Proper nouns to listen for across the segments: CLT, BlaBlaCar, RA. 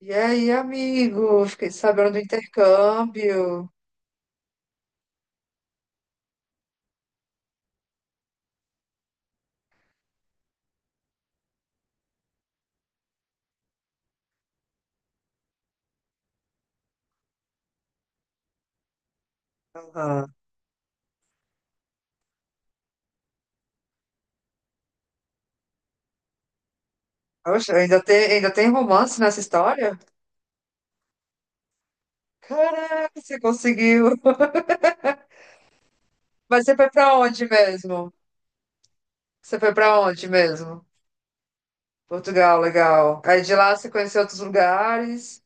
E aí, amigo? Fiquei sabendo do intercâmbio. Aham. Poxa, ainda tem romance nessa história? Caraca, você conseguiu. Mas você foi pra onde mesmo? Você foi pra onde mesmo? Portugal, legal. Aí de lá você conheceu outros lugares.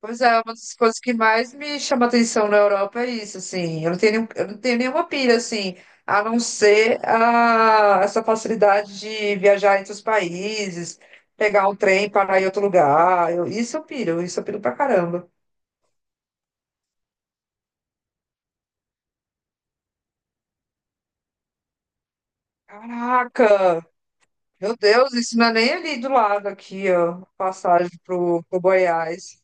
Pois é, uma das coisas que mais me chama atenção na Europa é isso, assim. Eu não tenho nenhuma pira assim, a não ser essa facilidade de viajar entre os países, pegar um trem, parar em outro lugar. Isso eu piro, isso eu piro pra caramba. Caraca! Meu Deus, isso não é nem ali do lado aqui, ó. Passagem pro Goiás.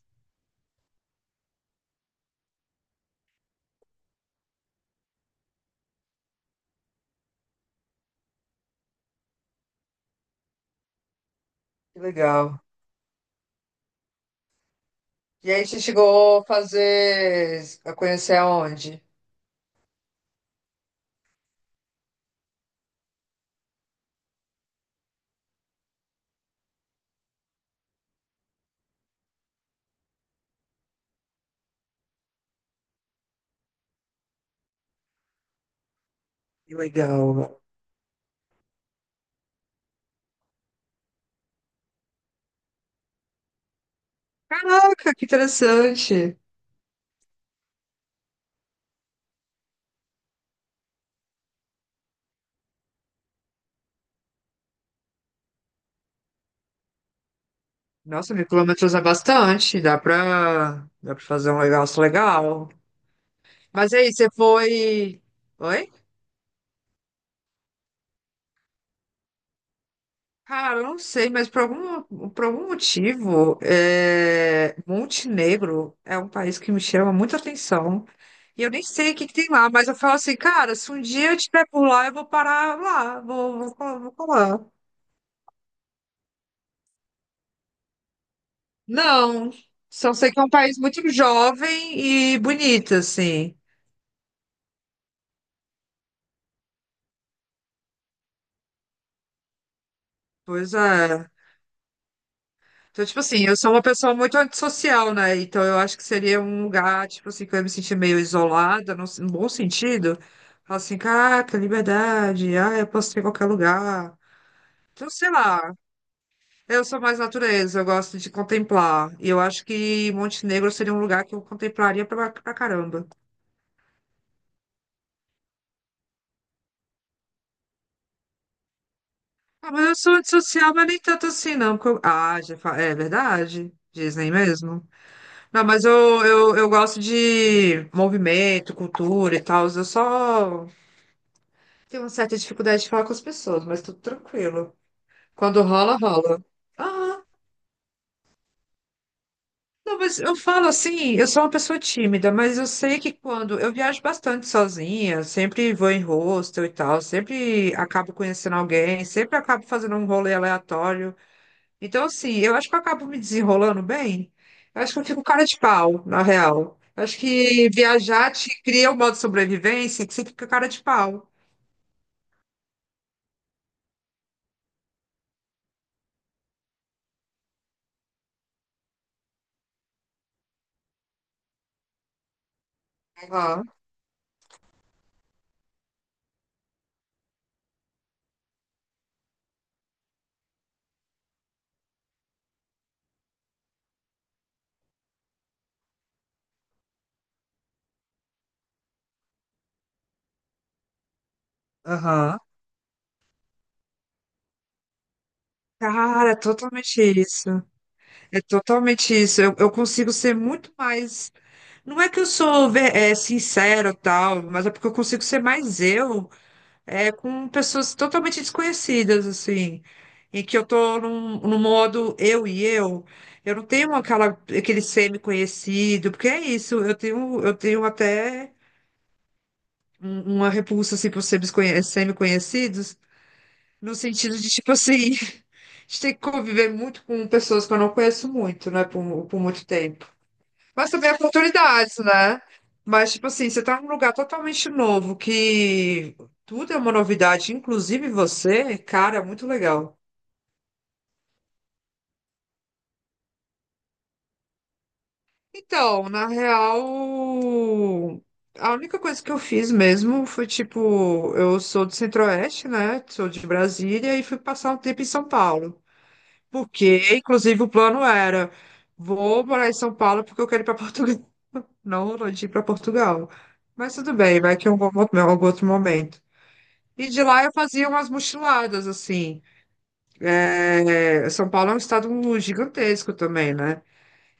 Que legal. E aí você chegou a conhecer aonde? Que legal. Caraca, que interessante. Nossa, 1.000 quilômetros é bastante. Dá pra fazer um negócio legal. Mas aí, você foi. Oi? Cara, eu não sei, mas por algum motivo, Montenegro é um país que me chama muita atenção. E eu nem sei o que que tem lá, mas eu falo assim, cara, se um dia eu estiver por lá, eu vou parar lá, vou colar. Não, só sei que é um país muito jovem e bonito, assim. Pois é. Então, tipo assim, eu sou uma pessoa muito antissocial, né? Então, eu acho que seria um lugar, tipo assim, que eu ia me sentir meio isolada, no bom sentido. Falar assim, caraca, liberdade, ah, eu posso ir em qualquer lugar. Então, sei lá, eu sou mais natureza, eu gosto de contemplar. E eu acho que Montenegro seria um lugar que eu contemplaria pra caramba. Ah, mas eu sou antissocial, mas nem tanto assim, não. porque eu- Ah, já fa- É verdade. Disney mesmo. Não, mas eu gosto de movimento, cultura e tal. Eu só tenho uma certa dificuldade de falar com as pessoas, mas tudo tranquilo. Quando rola, rola. Ah, não, mas eu falo assim, eu sou uma pessoa tímida, mas eu sei que quando eu viajo bastante sozinha, sempre vou em hostel e tal, sempre acabo conhecendo alguém, sempre acabo fazendo um rolê aleatório. Então, assim, eu acho que eu acabo me desenrolando bem. Eu acho que eu fico cara de pau, na real. Eu acho que viajar te cria um modo de sobrevivência que você fica cara de pau. Aham. Aham. Cara, totalmente isso. É totalmente isso. Eu consigo ser muito mais. Não é que eu sou sincera ou tal, mas é porque eu consigo ser mais eu, com pessoas totalmente desconhecidas, assim. Em que eu tô num modo eu e eu. Eu não tenho aquele semi-conhecido, porque é isso. Eu tenho até uma repulsa assim, por semi-conhecidos, no sentido de, tipo assim, a gente tem que conviver muito com pessoas que eu não conheço muito, né, por muito tempo. Mas também oportunidades, né? Mas, tipo assim, você tá num lugar totalmente novo, que tudo é uma novidade, inclusive você, cara, é muito legal. Então, na real, a única coisa que eu fiz mesmo foi, tipo, eu sou do Centro-Oeste, né? Sou de Brasília e fui passar um tempo em São Paulo. Porque, inclusive, o plano era, vou morar em São Paulo porque eu quero ir para Portugal. Não, não de ir para Portugal. Mas tudo bem, vai que é um algum outro momento. E de lá eu fazia umas mochiladas, assim. É, São Paulo é um estado gigantesco também, né?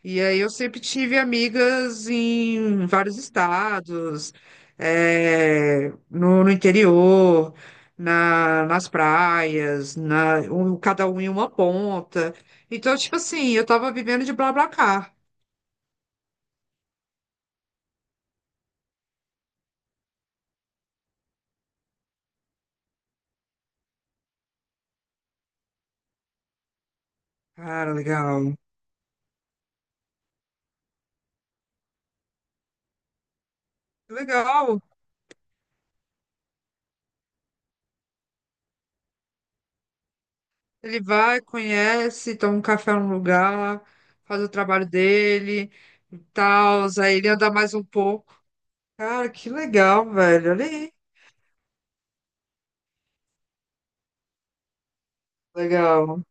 E aí eu sempre tive amigas em vários estados, no interior, nas praias, cada um em uma ponta. Então, tipo assim, eu tava vivendo de BlaBlaCar. Cara, legal. Legal. Ele vai, conhece, toma um café num lugar, faz o trabalho dele e tal. Aí ele anda mais um pouco. Cara, que legal, velho. Olha aí. Legal.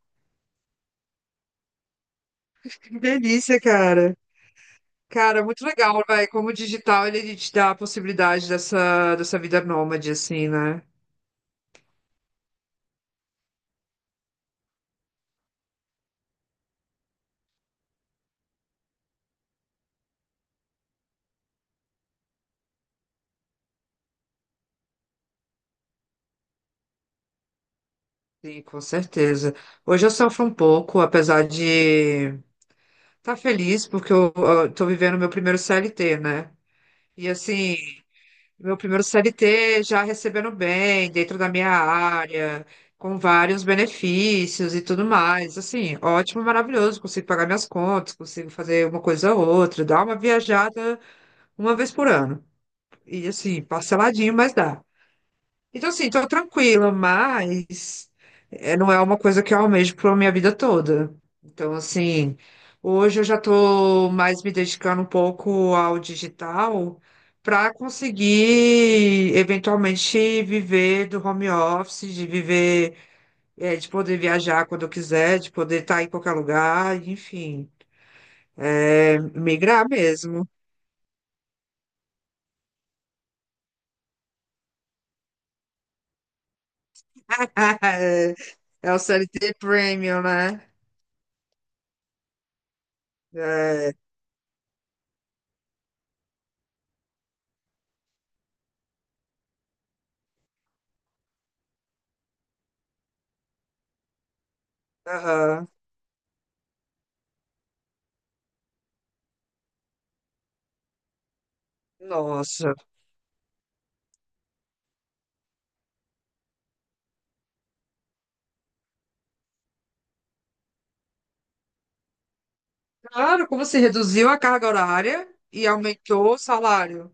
Que delícia, cara. Cara, muito legal, velho. Como o digital, ele te dá a possibilidade dessa vida nômade, assim, né? Sim, com certeza. Hoje eu sofro um pouco, apesar de estar tá feliz, porque eu tô vivendo meu primeiro CLT, né? E assim. Meu primeiro CLT já recebendo bem, dentro da minha área, com vários benefícios e tudo mais. Assim, ótimo, maravilhoso. Consigo pagar minhas contas, consigo fazer uma coisa ou outra, dar uma viajada uma vez por ano. E assim, parceladinho, mas dá. Então, assim, tô tranquila, mas não é uma coisa que eu almejo pra minha vida toda. Então, assim, hoje eu já tô mais me dedicando um pouco ao digital para conseguir eventualmente viver do home office, de viver, de poder viajar quando eu quiser, de poder estar em qualquer lugar, enfim, migrar mesmo. É, o CLT Premium, né? É, aham. Nossa. Claro, como você reduziu a carga horária e aumentou o salário.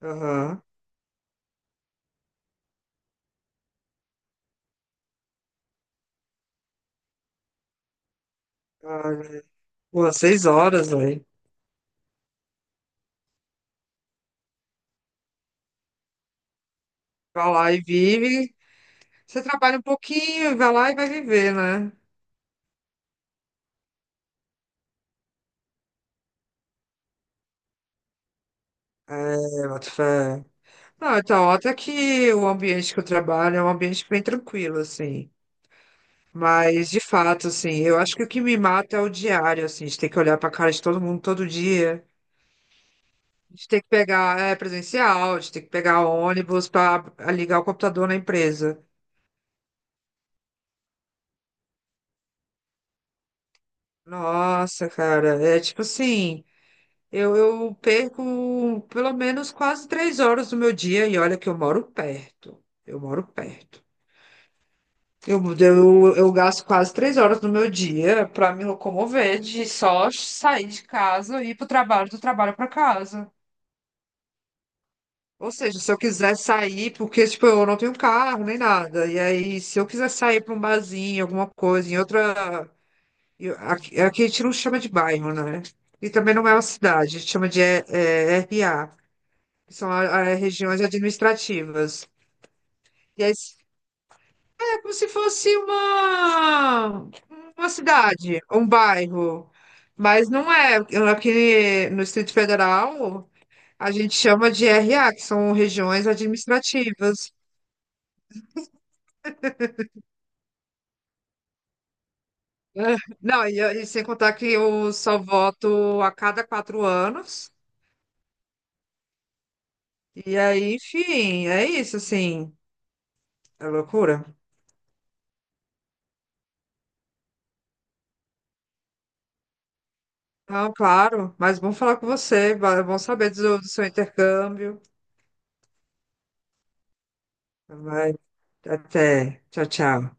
Aham. Uhum. Pô, 6 horas, velho. Vai lá e vive. Você trabalha um pouquinho, vai lá e vai viver, né? É, boto fé. Não, então, até que o ambiente que eu trabalho é um ambiente bem tranquilo, assim. Mas, de fato, assim, eu acho que o que me mata é o diário, assim, de ter que olhar pra cara de todo mundo todo dia. De ter que pegar, é, Presencial, de ter que pegar ônibus pra ligar o computador na empresa. Nossa, cara, é tipo assim, eu perco pelo menos quase 3 horas do meu dia e olha que eu moro perto, eu moro perto. Eu gasto quase 3 horas do meu dia para me locomover de só sair de casa e ir pro trabalho, do trabalho para casa. Ou seja, se eu quiser sair, porque tipo, eu não tenho carro nem nada, e aí se eu quiser sair para um barzinho, alguma coisa, em outra. E aqui, aqui a gente não chama de bairro, né? E também não é uma cidade, a gente chama de RA, que são regiões administrativas. E aí é como se fosse uma cidade, um bairro, mas não é. Aqui no Distrito Federal, a gente chama de R A, que são regiões administrativas. É. Não, e sem contar que eu só voto a cada 4 anos. E aí, enfim, é isso, assim, é loucura. Não, claro, mas bom falar com você, bom saber do seu intercâmbio. Vai. Até. Tchau, tchau.